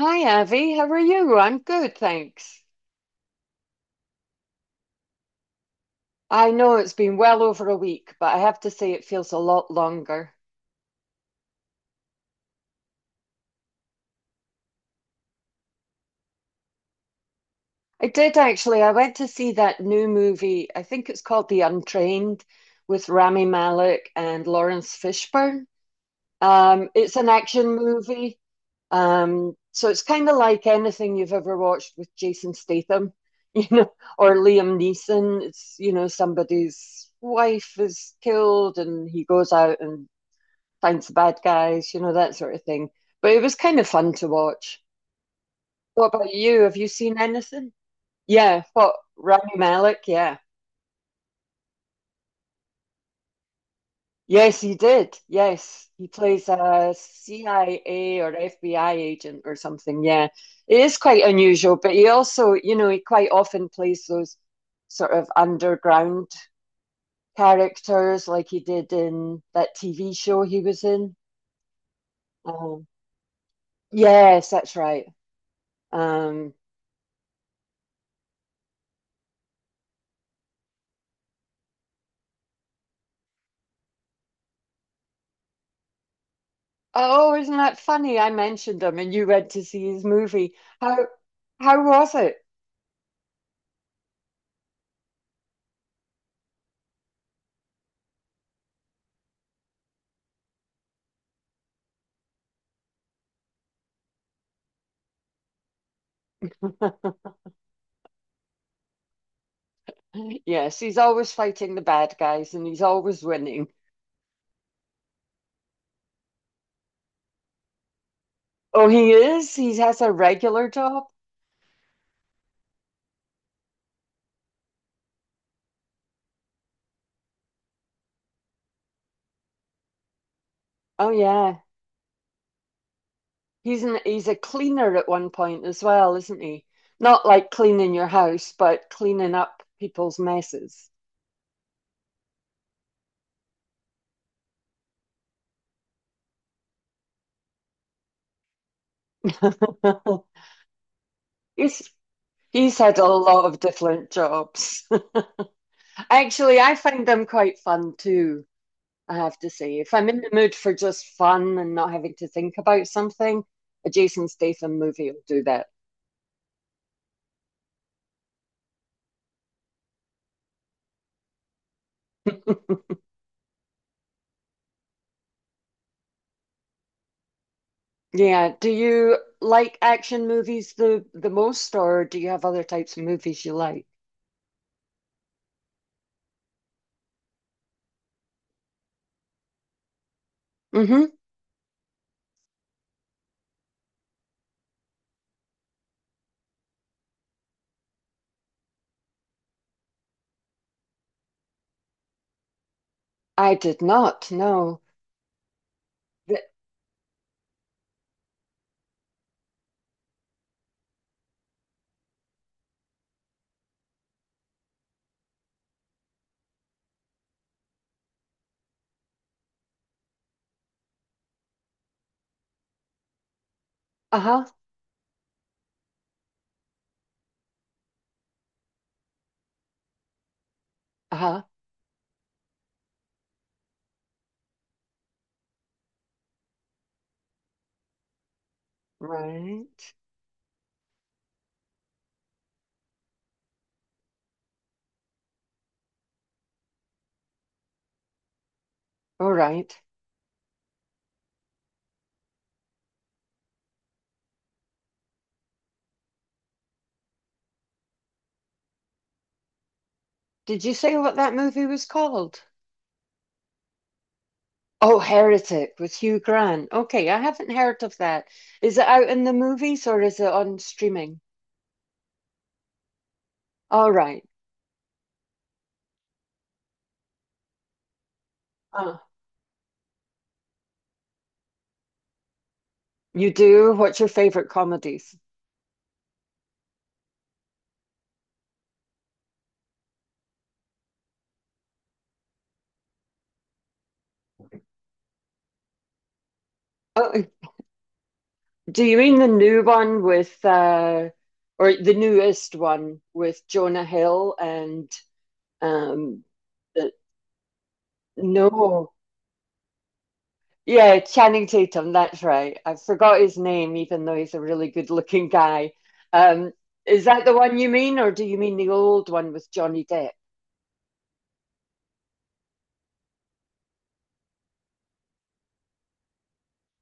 Hi, Avi. How are you? I'm good, thanks. I know it's been well over a week, but I have to say it feels a lot longer. I did actually. I went to see that new movie. I think it's called The Untrained with Rami Malek and Lawrence Fishburne. It's an action movie. So it's kind of like anything you've ever watched with Jason Statham, you know, or Liam Neeson. It's, you know, somebody's wife is killed and he goes out and finds the bad guys, you know, that sort of thing. But it was kind of fun to watch. What about you? Have you seen anything? Yeah, what Rami Malek? Yeah. Yes, he did. Yes, he plays a CIA or FBI agent or something. Yeah, it is quite unusual, but he also, you know, he quite often plays those sort of underground characters like he did in that TV show he was in. Um, yes, that's right. Um, Oh, isn't that funny? I mentioned him and you went to see his movie. How how was it? Yes, he's always fighting the bad guys and he's always winning. Oh, he is? He has a regular job? Oh yeah. He's a cleaner at one point as well, isn't he? Not like cleaning your house, but cleaning up people's messes. He's he's had a lot of different jobs. Actually, I find them quite fun too. I have to say. If I'm in the mood for just fun and not having to think about something, a Jason Statham movie will do that. Yeah. Do you like action movies the most, or do you have other types of movies you like? Mm-hmm. I did not. No. The, uh-huh. Uh-huh. Right. All right. Did you say what that movie was called? Oh, Heretic with Hugh Grant. Okay, I haven't heard of that. Is it out in the movies or is it on streaming? All right. You do? What's your favorite comedies? Oh, do you mean the new one with or the newest one with Jonah Hill and um the, no. Yeah, Channing Tatum, that's right. I forgot his name even though he's a really good-looking guy. Um is that the one you mean or do you mean the old one with Johnny Depp?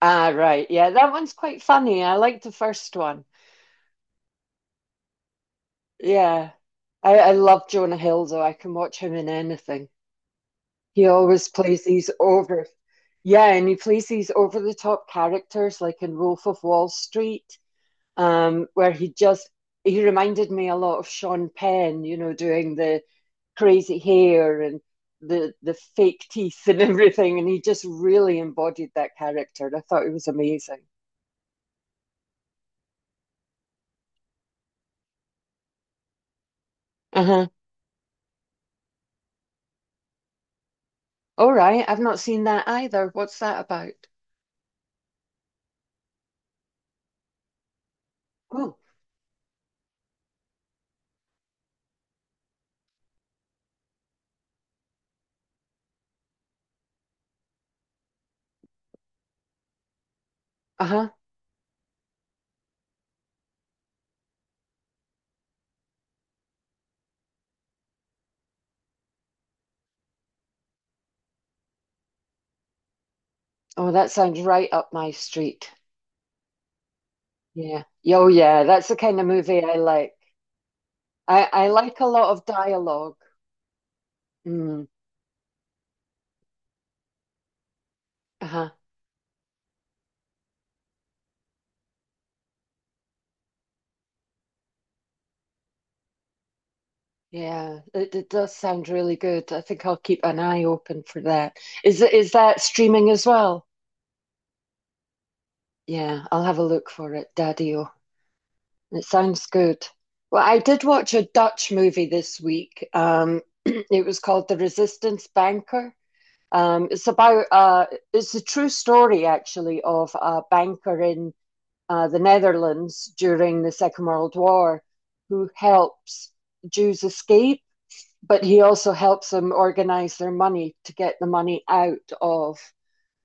Ah, right. Yeah, that one's quite funny. I like the first one. Yeah. I love Jonah Hill though. I can watch him in anything. He always plays these over, yeah, and he plays these over the top characters, like in Wolf of Wall Street, where he just he reminded me a lot of Sean Penn, you know, doing the crazy hair and the fake teeth and everything, and he just really embodied that character. And I thought it was amazing. Uh-huh. All right, I've not seen that either. What's that about? Oh, uh-huh. Oh, that sounds right up my street. Yeah. Oh, yeah. That's the kind of movie I like. I like a lot of dialogue. Mm, uh-huh. Yeah, it does sound really good. I think I'll keep an eye open for that. Is that streaming as well? Yeah, I'll have a look for it, Daddio. It sounds good. Well, I did watch a Dutch movie this week. It was called The Resistance Banker. Um, it's about uh, it's a true story actually of a banker in the Netherlands during the Second World War, who helps Jews escape, but he also helps them organize their money to get the money out of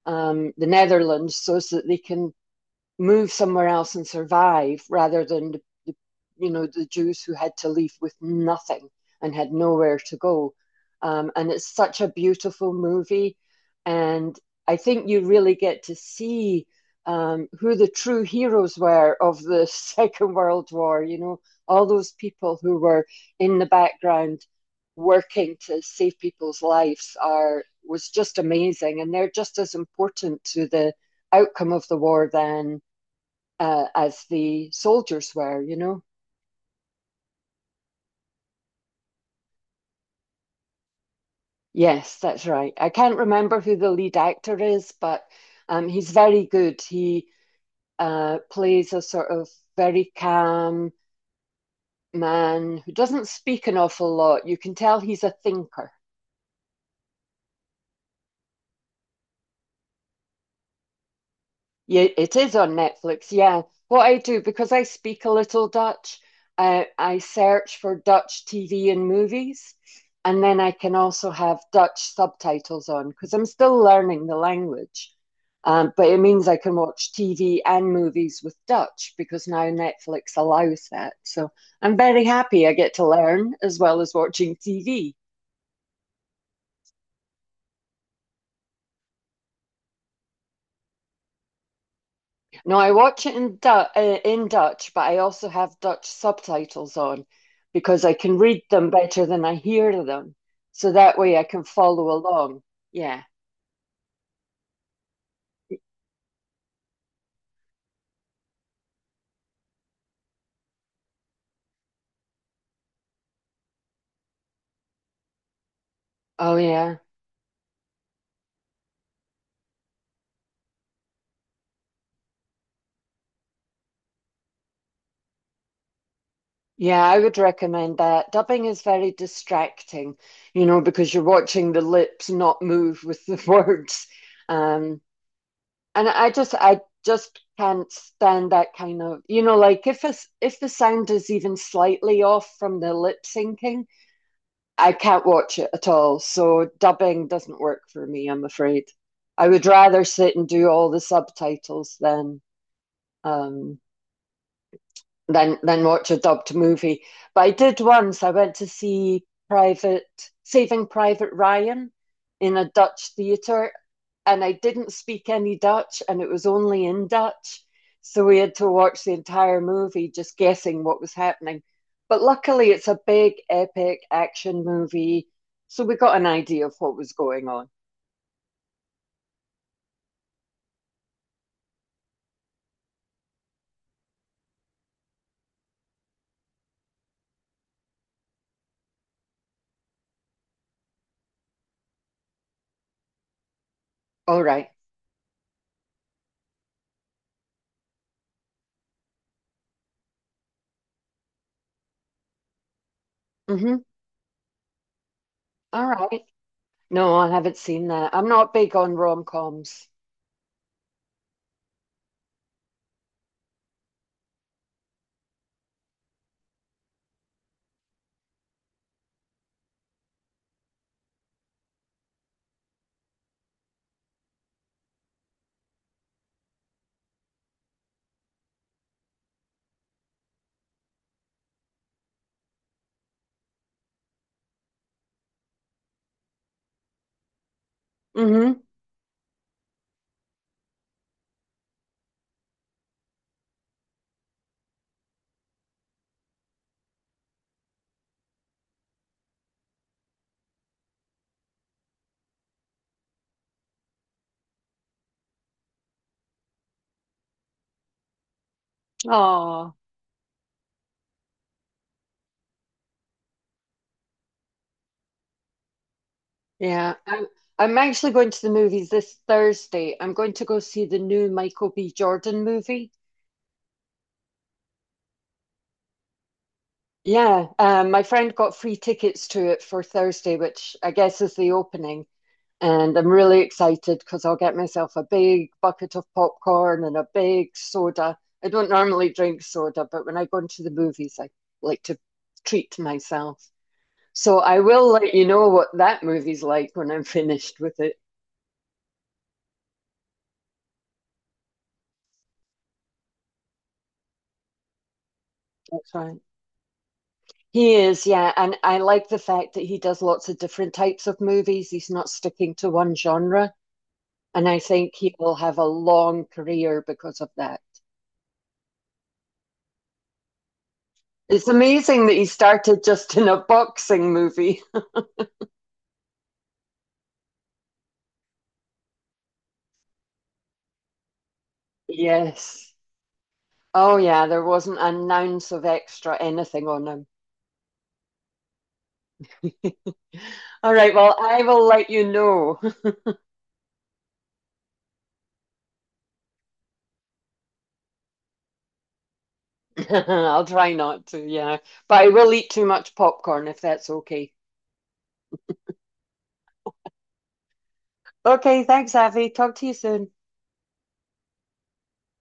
the Netherlands so that they can move somewhere else and survive rather than you know the Jews who had to leave with nothing and had nowhere to go. And it's such a beautiful movie, and I think you really get to see who the true heroes were of the Second World War. You know, all those people who were in the background working to save people's lives are was just amazing, and they're just as important to the outcome of the war than as the soldiers were, you know? Yes, that's right. I can't remember who the lead actor is, but he's very good. He plays a sort of very calm man who doesn't speak an awful lot. You can tell he's a thinker. Yeah, it is on Netflix. Yeah. What I do, because I speak a little Dutch, I search for Dutch TV and movies, and then I can also have Dutch subtitles on because I'm still learning the language. But it means I can watch TV and movies with Dutch because now Netflix allows that. So I'm very happy I get to learn as well as watching TV. No, I watch it in Dutch, but I also have Dutch subtitles on because I can read them better than I hear them. So that way I can follow along. Yeah. Oh, yeah. Yeah, I would recommend that. Dubbing is very distracting, you know, because you're watching the lips not move with the words. Um, and I, just, I just can't stand that kind of, you know, like if if the sound is even slightly off from the lip syncing, I can't watch it at all. So dubbing doesn't work for me, I'm afraid. I would rather sit and do all the subtitles than um, than watch a dubbed movie. But I did once. I went to see Private Saving Private Ryan in a Dutch theater, and I didn't speak any Dutch, and it was only in Dutch, so we had to watch the entire movie just guessing what was happening. But luckily, it's a big epic action movie, so we got an idea of what was going on. All right. Mm-hmm. All right. No, I haven't seen that. I'm not big on rom-coms. Mm-hmm. Oh. Yeah, I'm actually going to the movies this Thursday. I'm going to go see the new Michael B. Jordan movie. Yeah, my friend got free tickets to it for Thursday, which I guess is the opening. And I'm really excited because I'll get myself a big bucket of popcorn and a big soda. I don't normally drink soda, but when I go into the movies, I like to treat myself. So I will let you know what that movie's like when I'm finished with it. That's right. He is, yeah, and I like the fact that he does lots of different types of movies. He's not sticking to one genre, and I think he will have a long career because of that. It's amazing that he started just in a boxing movie. Yes. Oh, yeah, there wasn't an ounce of extra anything on him. All right, well, I will let you know. I'll try not to, yeah, but I will eat too much popcorn if that's okay. Okay, thanks, Avi. Talk to you soon.